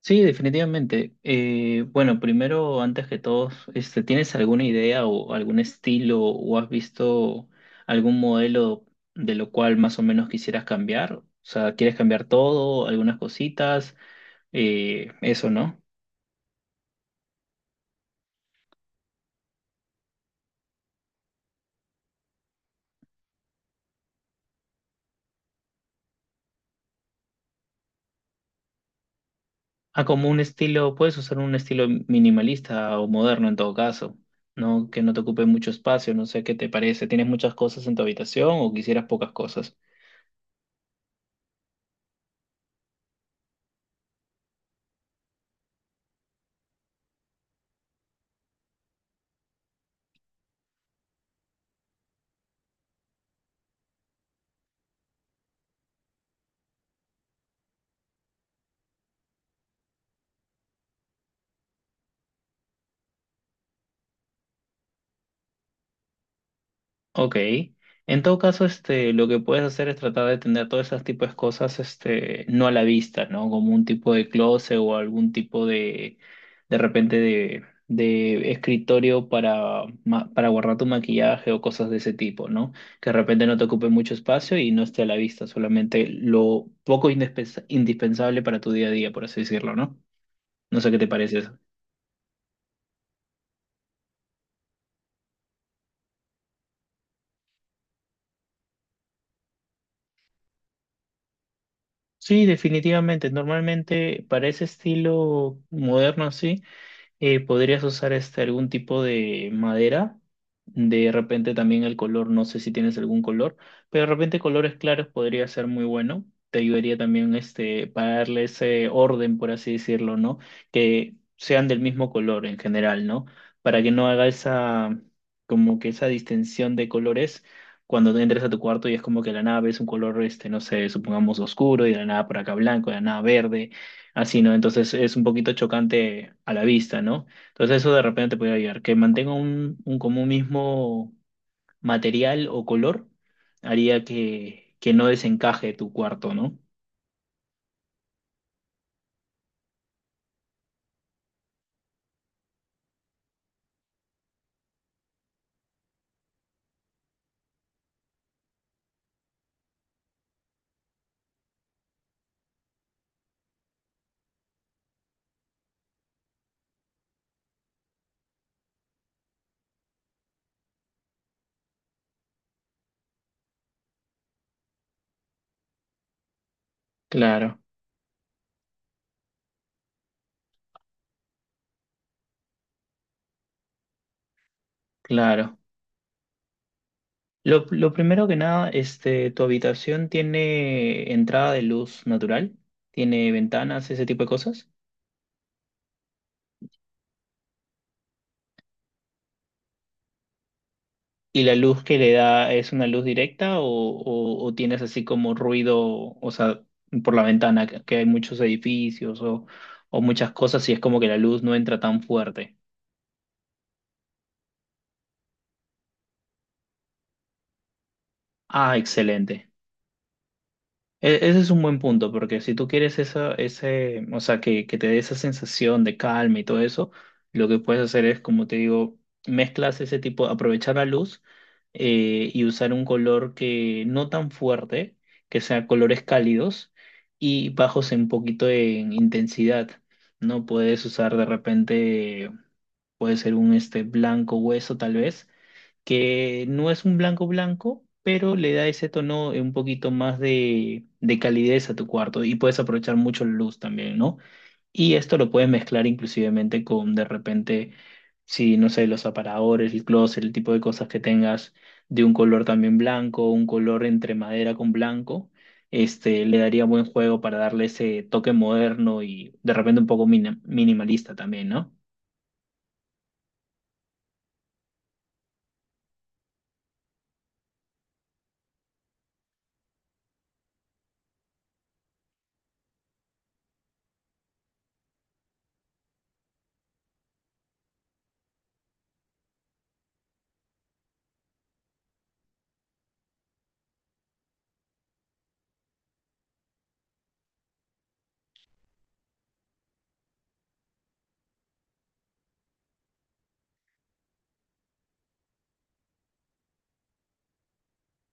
Sí, definitivamente. Bueno, Primero, antes que todo, ¿tienes alguna idea o algún estilo o has visto algún modelo de lo cual más o menos quisieras cambiar? O sea, ¿quieres cambiar todo, algunas cositas? Eso, ¿no? Ah, como un estilo, puedes usar un estilo minimalista o moderno en todo caso, ¿no? Que no te ocupe mucho espacio, no sé qué te parece. ¿Tienes muchas cosas en tu habitación o quisieras pocas cosas? Ok. En todo caso, lo que puedes hacer es tratar de tener todos esos tipos de cosas, no a la vista, ¿no? Como un tipo de closet o algún tipo de repente de escritorio para, para guardar tu maquillaje o cosas de ese tipo, ¿no? Que de repente no te ocupe mucho espacio y no esté a la vista, solamente lo poco indispensable para tu día a día, por así decirlo, ¿no? No sé qué te parece eso. Sí, definitivamente. Normalmente para ese estilo moderno, sí. Podrías usar algún tipo de madera. De repente también el color, no sé si tienes algún color, pero de repente colores claros podría ser muy bueno. Te ayudaría también para darle ese orden, por así decirlo, ¿no? Que sean del mismo color en general, ¿no? Para que no haga esa como que esa distinción de colores cuando te entres a tu cuarto y es como que la nave es un color no sé, supongamos oscuro y de la nada por acá blanco, de la nada verde. Así, ¿no? Entonces es un poquito chocante a la vista, ¿no? Entonces eso de repente te puede ayudar. Que mantenga un como un mismo material o color haría que no desencaje tu cuarto, ¿no? Claro, claro. Lo primero que nada, ¿tu habitación tiene entrada de luz natural? ¿Tiene ventanas, ese tipo de cosas? ¿Y la luz que le da es una luz directa o, o tienes así como ruido, o sea, por la ventana, que hay muchos edificios o muchas cosas y es como que la luz no entra tan fuerte? Ah, excelente. Ese es un buen punto, porque si tú quieres esa, ese, o sea, que te dé esa sensación de calma y todo eso, lo que puedes hacer es, como te digo, mezclas ese tipo, aprovechar la luz y usar un color que no tan fuerte, que sea colores cálidos y bajos un poquito en intensidad. No puedes usar de repente, puede ser un blanco hueso tal vez que no es un blanco blanco, pero le da ese tono un poquito más de calidez a tu cuarto y puedes aprovechar mucho la luz también, ¿no? Y esto lo puedes mezclar inclusivemente con de repente, si no sé, los aparadores, el closet, el tipo de cosas que tengas de un color también blanco, un color entre madera con blanco. Le daría buen juego para darle ese toque moderno y de repente un poco minimalista también, ¿no?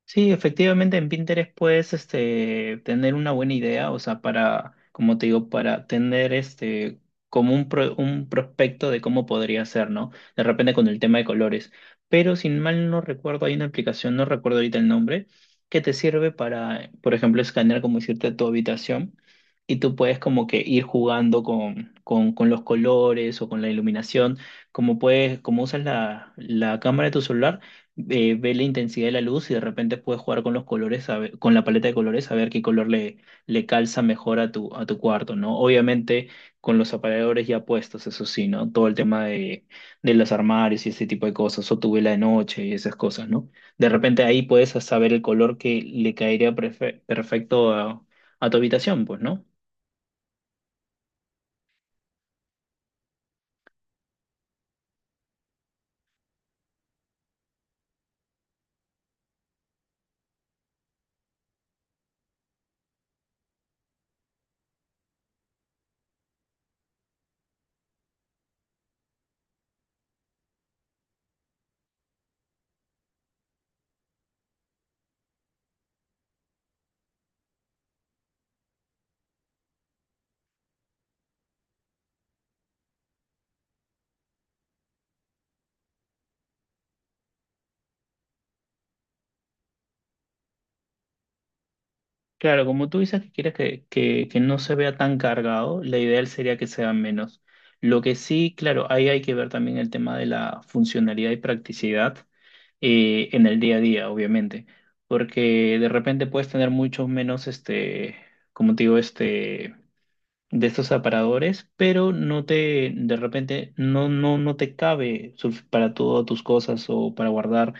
Sí, efectivamente en Pinterest puedes tener una buena idea, o sea, para, como te digo, para tener como un, un prospecto de cómo podría ser, ¿no? De repente con el tema de colores. Pero sin mal no recuerdo, hay una aplicación, no recuerdo ahorita el nombre, que te sirve para, por ejemplo, escanear, como decirte, tu habitación y tú puedes como que ir jugando con, con los colores o con la iluminación, como puedes, como usas la cámara de tu celular ve la intensidad de la luz y de repente puedes jugar con los colores, con la paleta de colores, a ver qué color le calza mejor a tu cuarto, ¿no? Obviamente con los aparadores ya puestos, eso sí, ¿no? Todo el tema de los armarios y ese tipo de cosas, o tu vela de noche y esas cosas, ¿no? De repente ahí puedes saber el color que le caería perfecto a tu habitación, pues, ¿no? Claro, como tú dices que quieres que, que no se vea tan cargado, la ideal sería que sea menos. Lo que sí, claro, ahí hay que ver también el tema de la funcionalidad y practicidad en el día a día, obviamente, porque de repente puedes tener muchos menos, como te digo, de estos aparadores, pero no te, de repente, no, no, no te cabe para todas tus cosas o para guardar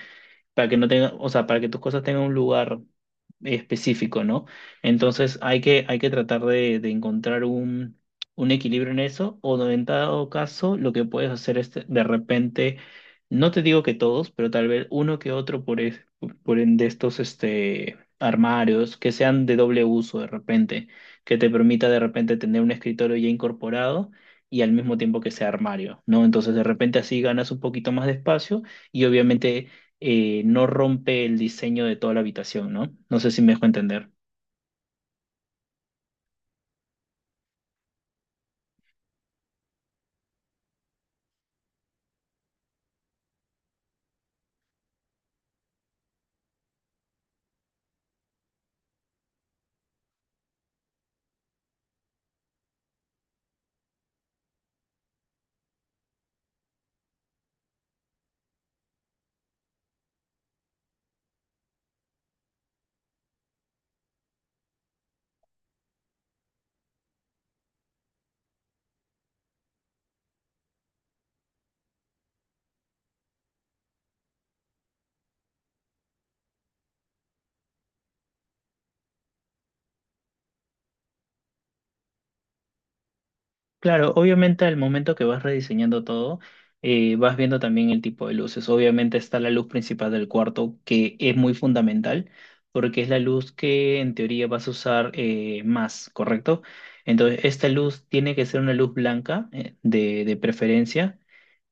para que no tenga, o sea, para que tus cosas tengan un lugar específico, ¿no? Entonces hay que tratar de encontrar un equilibrio en eso, o no, en dado caso, lo que puedes hacer es de repente, no te digo que todos, pero tal vez uno que otro de estos armarios que sean de doble uso de repente, que te permita de repente tener un escritorio ya incorporado. Y al mismo tiempo que sea armario, ¿no? Entonces de repente así ganas un poquito más de espacio y obviamente no rompe el diseño de toda la habitación, ¿no? No sé si me dejo entender. Claro, obviamente al momento que vas rediseñando todo, vas viendo también el tipo de luces. Obviamente está la luz principal del cuarto, que es muy fundamental, porque es la luz que en teoría vas a usar más, ¿correcto? Entonces, esta luz tiene que ser una luz blanca, de preferencia.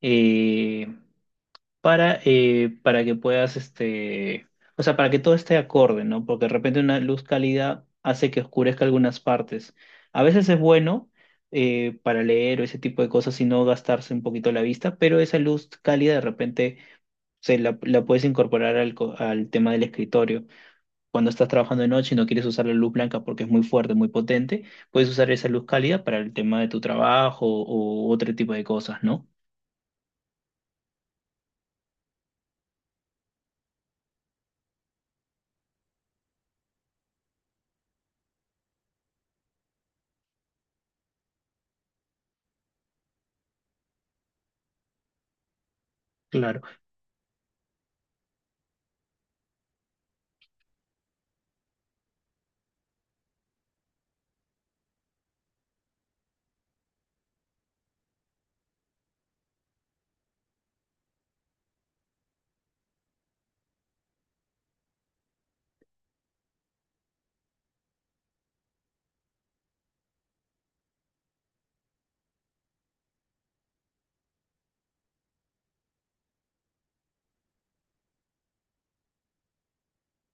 Eh, para, para que puedas, o sea, para que todo esté acorde, ¿no? Porque de repente una luz cálida hace que oscurezca algunas partes. A veces es bueno para leer o ese tipo de cosas y no gastarse un poquito la vista, pero esa luz cálida de repente se la puedes incorporar al, al tema del escritorio. Cuando estás trabajando de noche y no quieres usar la luz blanca porque es muy fuerte, muy potente, puedes usar esa luz cálida para el tema de tu trabajo o otro tipo de cosas, ¿no? Claro.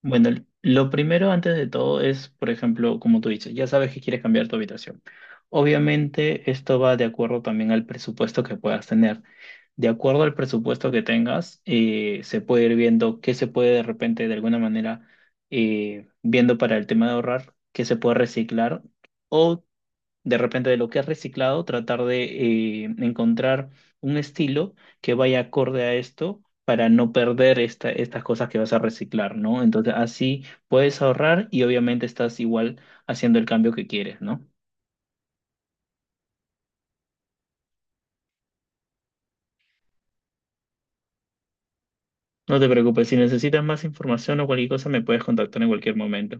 Bueno, lo primero antes de todo es, por ejemplo, como tú dices, ya sabes que quieres cambiar tu habitación. Obviamente, esto va de acuerdo también al presupuesto que puedas tener. De acuerdo al presupuesto que tengas, se puede ir viendo qué se puede de repente, de alguna manera, viendo para el tema de ahorrar, qué se puede reciclar o de repente de lo que has reciclado, tratar de encontrar un estilo que vaya acorde a esto para no perder esta, estas cosas que vas a reciclar, ¿no? Entonces así puedes ahorrar y obviamente estás igual haciendo el cambio que quieres, ¿no? No te preocupes, si necesitas más información o cualquier cosa me puedes contactar en cualquier momento.